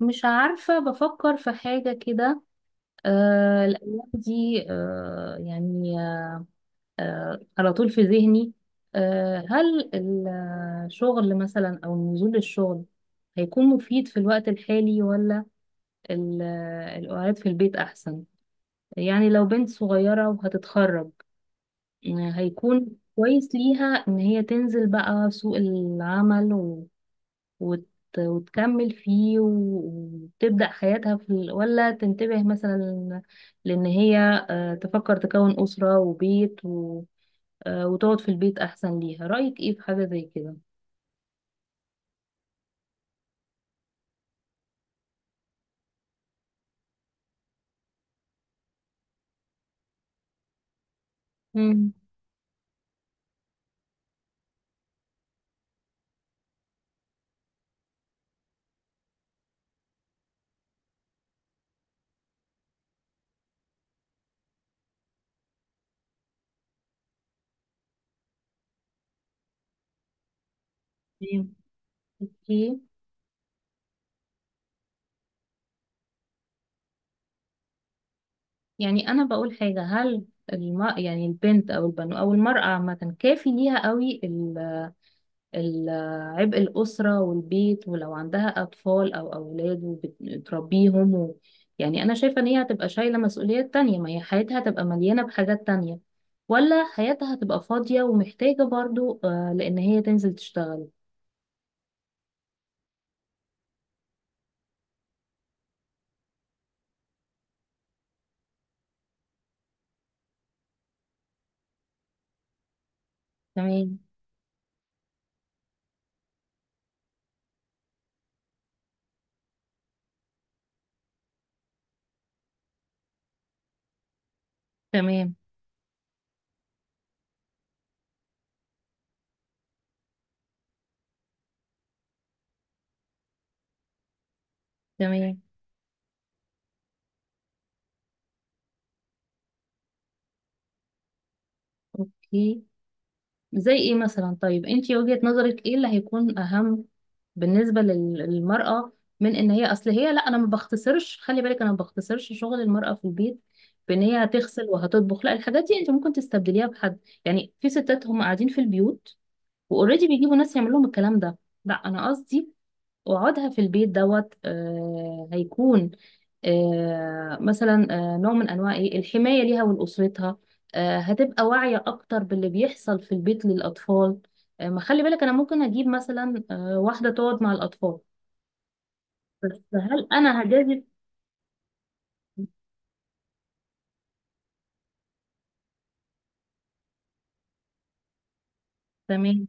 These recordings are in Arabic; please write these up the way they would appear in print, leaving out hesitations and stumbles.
مش عارفة بفكر في حاجة كده. الأيام دي يعني. على طول في ذهني. هل الشغل مثلا أو نزول الشغل هيكون مفيد في الوقت الحالي، ولا ال- القعاد في البيت أحسن؟ يعني لو بنت صغيرة وهتتخرج، هيكون كويس ليها إن هي تنزل بقى سوق العمل، وت... وتكمل فيه، وتبدأ حياتها في ولا تنتبه مثلا لأن هي تفكر تكون أسرة وبيت وتقعد في البيت أحسن ليها. رأيك إيه في حاجة زي كده؟ امم. تمام. اوكي. يعني انا بقول حاجه. هل يعني البنت او المراه عامه كافي ليها قوي ال- عبء الأسرة والبيت؟ ولو عندها أطفال أو أولاد وبتربيهم يعني أنا شايفة إن هي هتبقى شايلة مسؤوليات تانية، ما هي حياتها هتبقى مليانة بحاجات تانية، ولا حياتها هتبقى فاضية ومحتاجة برضو لأن هي تنزل تشتغل؟ تمام. تمام. تمام. أوكي. زي إيه مثلا؟ طيب أنتي، وجهة نظرك إيه اللي هيكون أهم بالنسبة للمرأة؟ من ان هي اصل هي، لا، انا ما بختصرش، خلي بالك انا ما بختصرش شغل المرأة في البيت بان هي هتغسل وهتطبخ، لا، الحاجات دي انت ممكن تستبدليها بحد. يعني في ستات هم قاعدين في البيوت واوريدي بيجيبوا ناس يعمل لهم الكلام ده. لا، انا قصدي وقعدها في البيت دوت هيكون مثلا نوع من انواع ايه الحمايه ليها ولاسرتها. هتبقى واعيه اكتر باللي بيحصل في البيت للاطفال. ما خلي بالك انا ممكن اجيب مثلا واحده تقعد مع الاطفال، بس هل انا هجازف؟ تمام.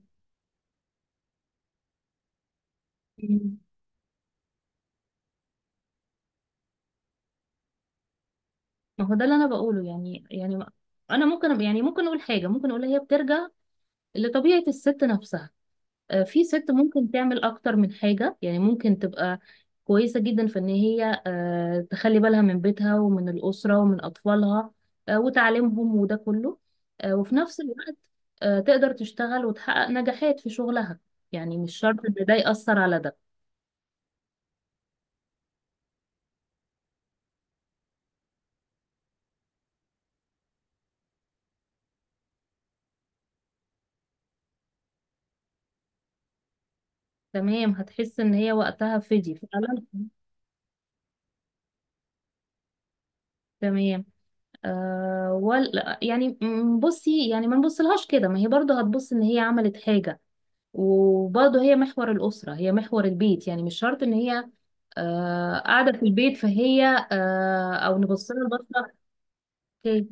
مم. ما هو ده اللي انا بقوله، يعني انا ممكن، يعني ممكن اقول حاجه، ممكن اقول هي بترجع لطبيعه الست نفسها. في ست ممكن تعمل اكتر من حاجة، يعني ممكن تبقى كويسة جدا في ان هي تخلي بالها من بيتها ومن الأسرة ومن أطفالها وتعليمهم وده كله، وفي نفس الوقت تقدر تشتغل وتحقق نجاحات في شغلها. يعني مش شرط ان ده يأثر على ده. تمام، هتحس ان هي وقتها فدي فعلا. تمام. ولا يعني بصي، يعني ما نبصلهاش كده، ما هي برضه هتبص ان هي عملت حاجة، وبرضه هي محور الأسرة، هي محور البيت. يعني مش شرط إن هي قاعدة في البيت فهي أو نبص لها البصة. أوكي.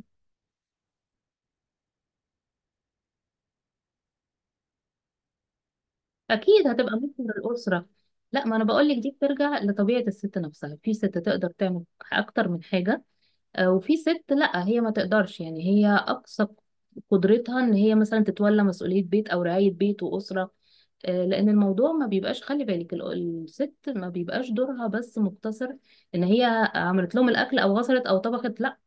أكيد هتبقى محور الأسرة. لا، ما أنا بقول لك دي بترجع لطبيعة الست نفسها. في ست تقدر تعمل أكتر من حاجة، وفي ست لا، هي ما تقدرش. يعني هي اقصى قدرتها ان هي مثلا تتولى مسؤولية بيت او رعاية بيت واسرة، لان الموضوع ما بيبقاش. خلي بالك الست ما بيبقاش دورها بس مقتصر ان هي عملت لهم الاكل او غسلت او طبخت، لا،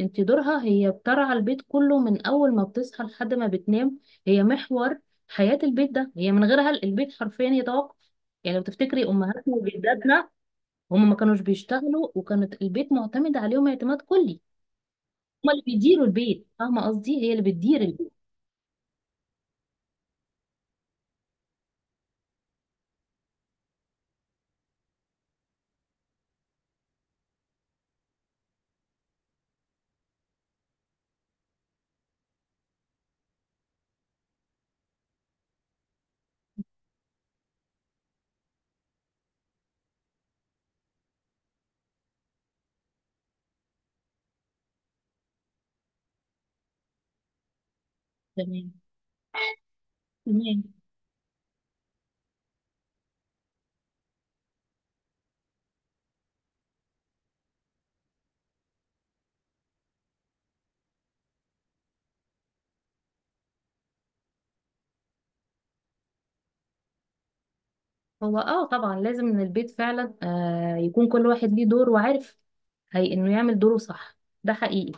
انت دورها، هي بترعى البيت كله من اول ما بتصحى لحد ما بتنام. هي محور حياة البيت ده، هي من غيرها البيت حرفيا يتوقف. يعني لو تفتكري امهاتنا وجداتنا، هم ما كانوش بيشتغلوا وكانت البيت معتمد عليهم اعتماد كلي. هما اللي بيديروا البيت، فاهمة قصدي، هي اللي بتدير البيت. تمام. تمام. هو طبعا لازم ان البيت فعلا يكون كل واحد ليه دور وعارف هي انه يعمل دوره، صح. ده حقيقي.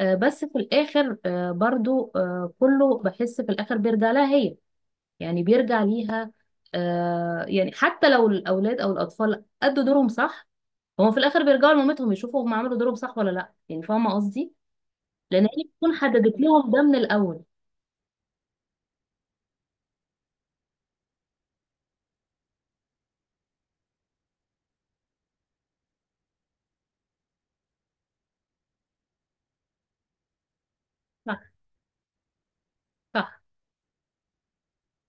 بس في الاخر، برضو، كله بحس في الاخر بيرجع لها هي. يعني بيرجع ليها. يعني حتى لو الاولاد او الاطفال ادوا دورهم صح، هما في الاخر بيرجعوا لمامتهم يشوفوا هم عملوا دورهم صح ولا لا. يعني فاهمة قصدي، لان هي بتكون حددت لهم ده من الاول. صح. صح.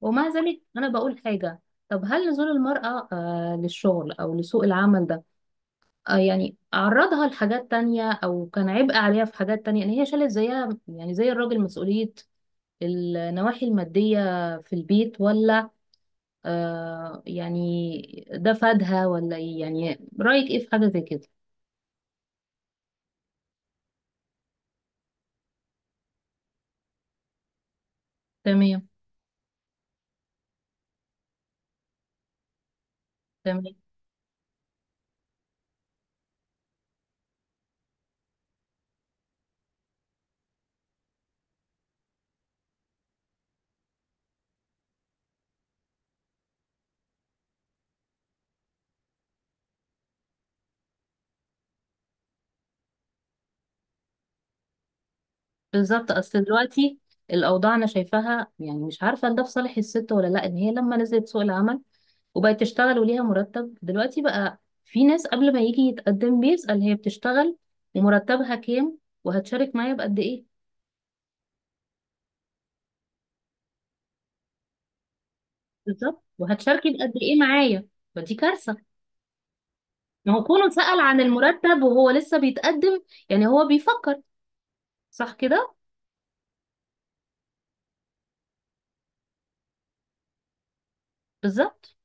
ومع ذلك أنا بقول حاجة. طب هل نزول المرأة للشغل أو لسوق العمل ده يعني عرضها لحاجات تانية، أو كان عبء عليها في حاجات تانية إن هي شالت زيها، يعني زي الراجل، مسؤولية النواحي المادية في البيت؟ ولا يعني ده فادها ولا إيه؟ يعني رأيك إيه في حاجة زي كده؟ تمام. تمام. بالظبط. أصل دلوقتي الأوضاع أنا شايفاها، يعني مش عارفة ده في صالح الست ولا لأ، إن هي لما نزلت سوق العمل وبقت تشتغل وليها مرتب. دلوقتي بقى في ناس قبل ما يجي يتقدم بيسأل: هي بتشتغل؟ ومرتبها كام؟ وهتشارك معايا بقد ايه؟ بالظبط. وهتشاركي بقد ايه معايا؟ فدي كارثة. ما هو كونه سأل عن المرتب وهو لسه بيتقدم، يعني هو بيفكر، صح كده؟ بالظبط.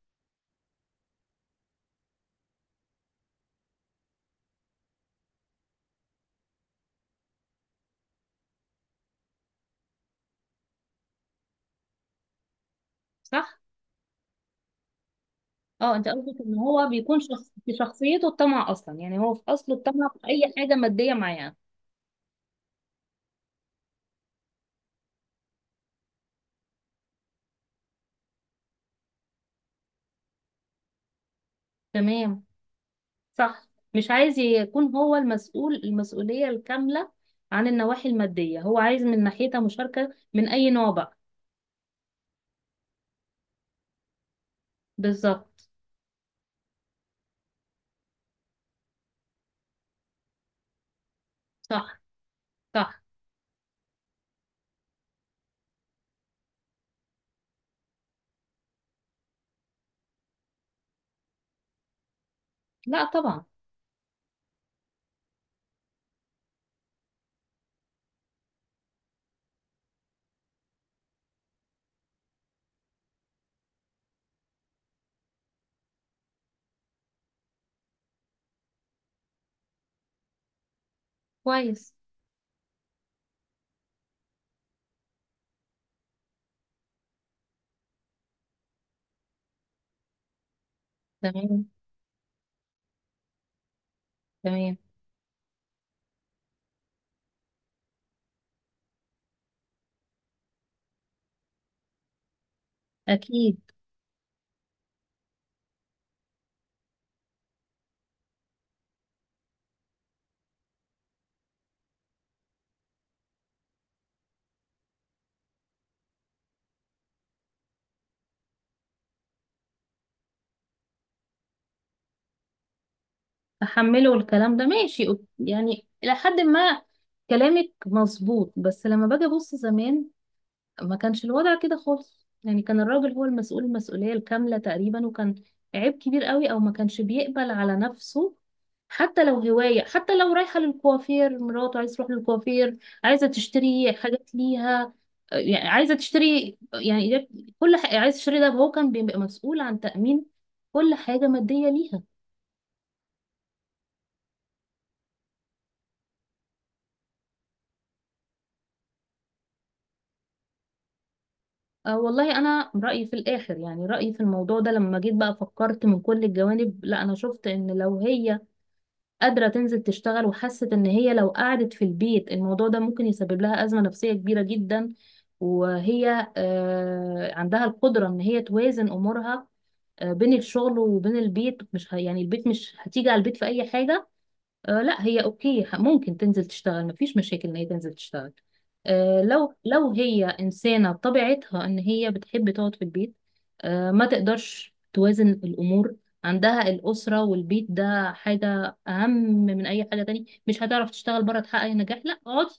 صح. اه، انت قصدك ان هو بيكون شخص في شخصيته الطمع اصلا، يعني هو في اصله الطمع في اي حاجة مادية معايا. تمام. صح. مش عايز يكون هو المسؤول المسؤولية الكاملة عن النواحي المادية، هو عايز من ناحيتها مشاركة من أي نوع بقى. بالظبط. صح. صح. لا طبعا. كويس. تمام. تمام. أكيد. أحمله الكلام ده ماشي، يعني إلى حد ما. كلامك مظبوط، بس لما باجي أبص زمان، ما كانش الوضع كده خالص. يعني كان الراجل هو المسؤول المسؤولية الكاملة تقريبا، وكان عيب كبير قوي او ما كانش بيقبل على نفسه حتى لو هواية، حتى لو رايحة للكوافير، مراته عايز تروح للكوافير، عايزة تشتري حاجات ليها، يعني عايزة تشتري، يعني كل حاجة عايز تشتري ده، هو كان بيبقى مسؤول عن تأمين كل حاجة مادية ليها. أه والله أنا رأيي في الآخر، يعني رأيي في الموضوع ده لما جيت بقى فكرت من كل الجوانب، لا أنا شفت إن لو هي قادرة تنزل تشتغل، وحست ان هي لو قعدت في البيت الموضوع ده ممكن يسبب لها أزمة نفسية كبيرة جدا، وهي عندها القدرة ان هي توازن امورها بين الشغل وبين البيت، مش يعني البيت مش هتيجي على البيت في اي حاجة، لا هي اوكي، ممكن تنزل تشتغل، مفيش مشاكل ان هي تنزل تشتغل. لو هي انسانه بطبيعتها ان هي بتحب تقعد في البيت، ما تقدرش توازن الامور عندها الاسره والبيت، ده حاجه اهم من اي حاجه تانية، مش هتعرف تشتغل بره تحقق نجاح، لا، اقعدي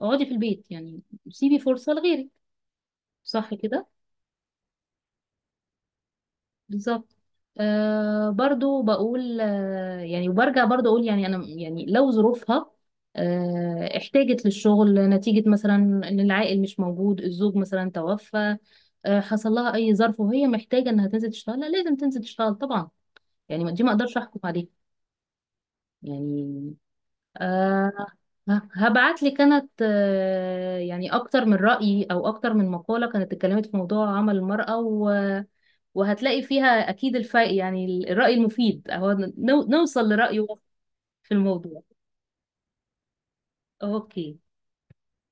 اقعدي في البيت. يعني سيبي فرصه لغيرك. صح كده؟ بالظبط. برضو بقول، يعني وبرجع برضو اقول، يعني انا يعني لو ظروفها احتاجت للشغل نتيجة مثلا ان العائل مش موجود، الزوج مثلا توفى، حصل لها اي ظرف وهي محتاجة انها تنزل تشتغل، لا لازم تنزل تشتغل طبعا. يعني دي ما اقدرش احكم عليها. يعني آه هبعت لي، كانت يعني اكتر من رأي او اكتر من مقالة كانت اتكلمت في موضوع عمل المرأة، و وهتلاقي فيها اكيد الفائق، يعني الرأي المفيد اهو، نوصل لرأيه في الموضوع. اوكي.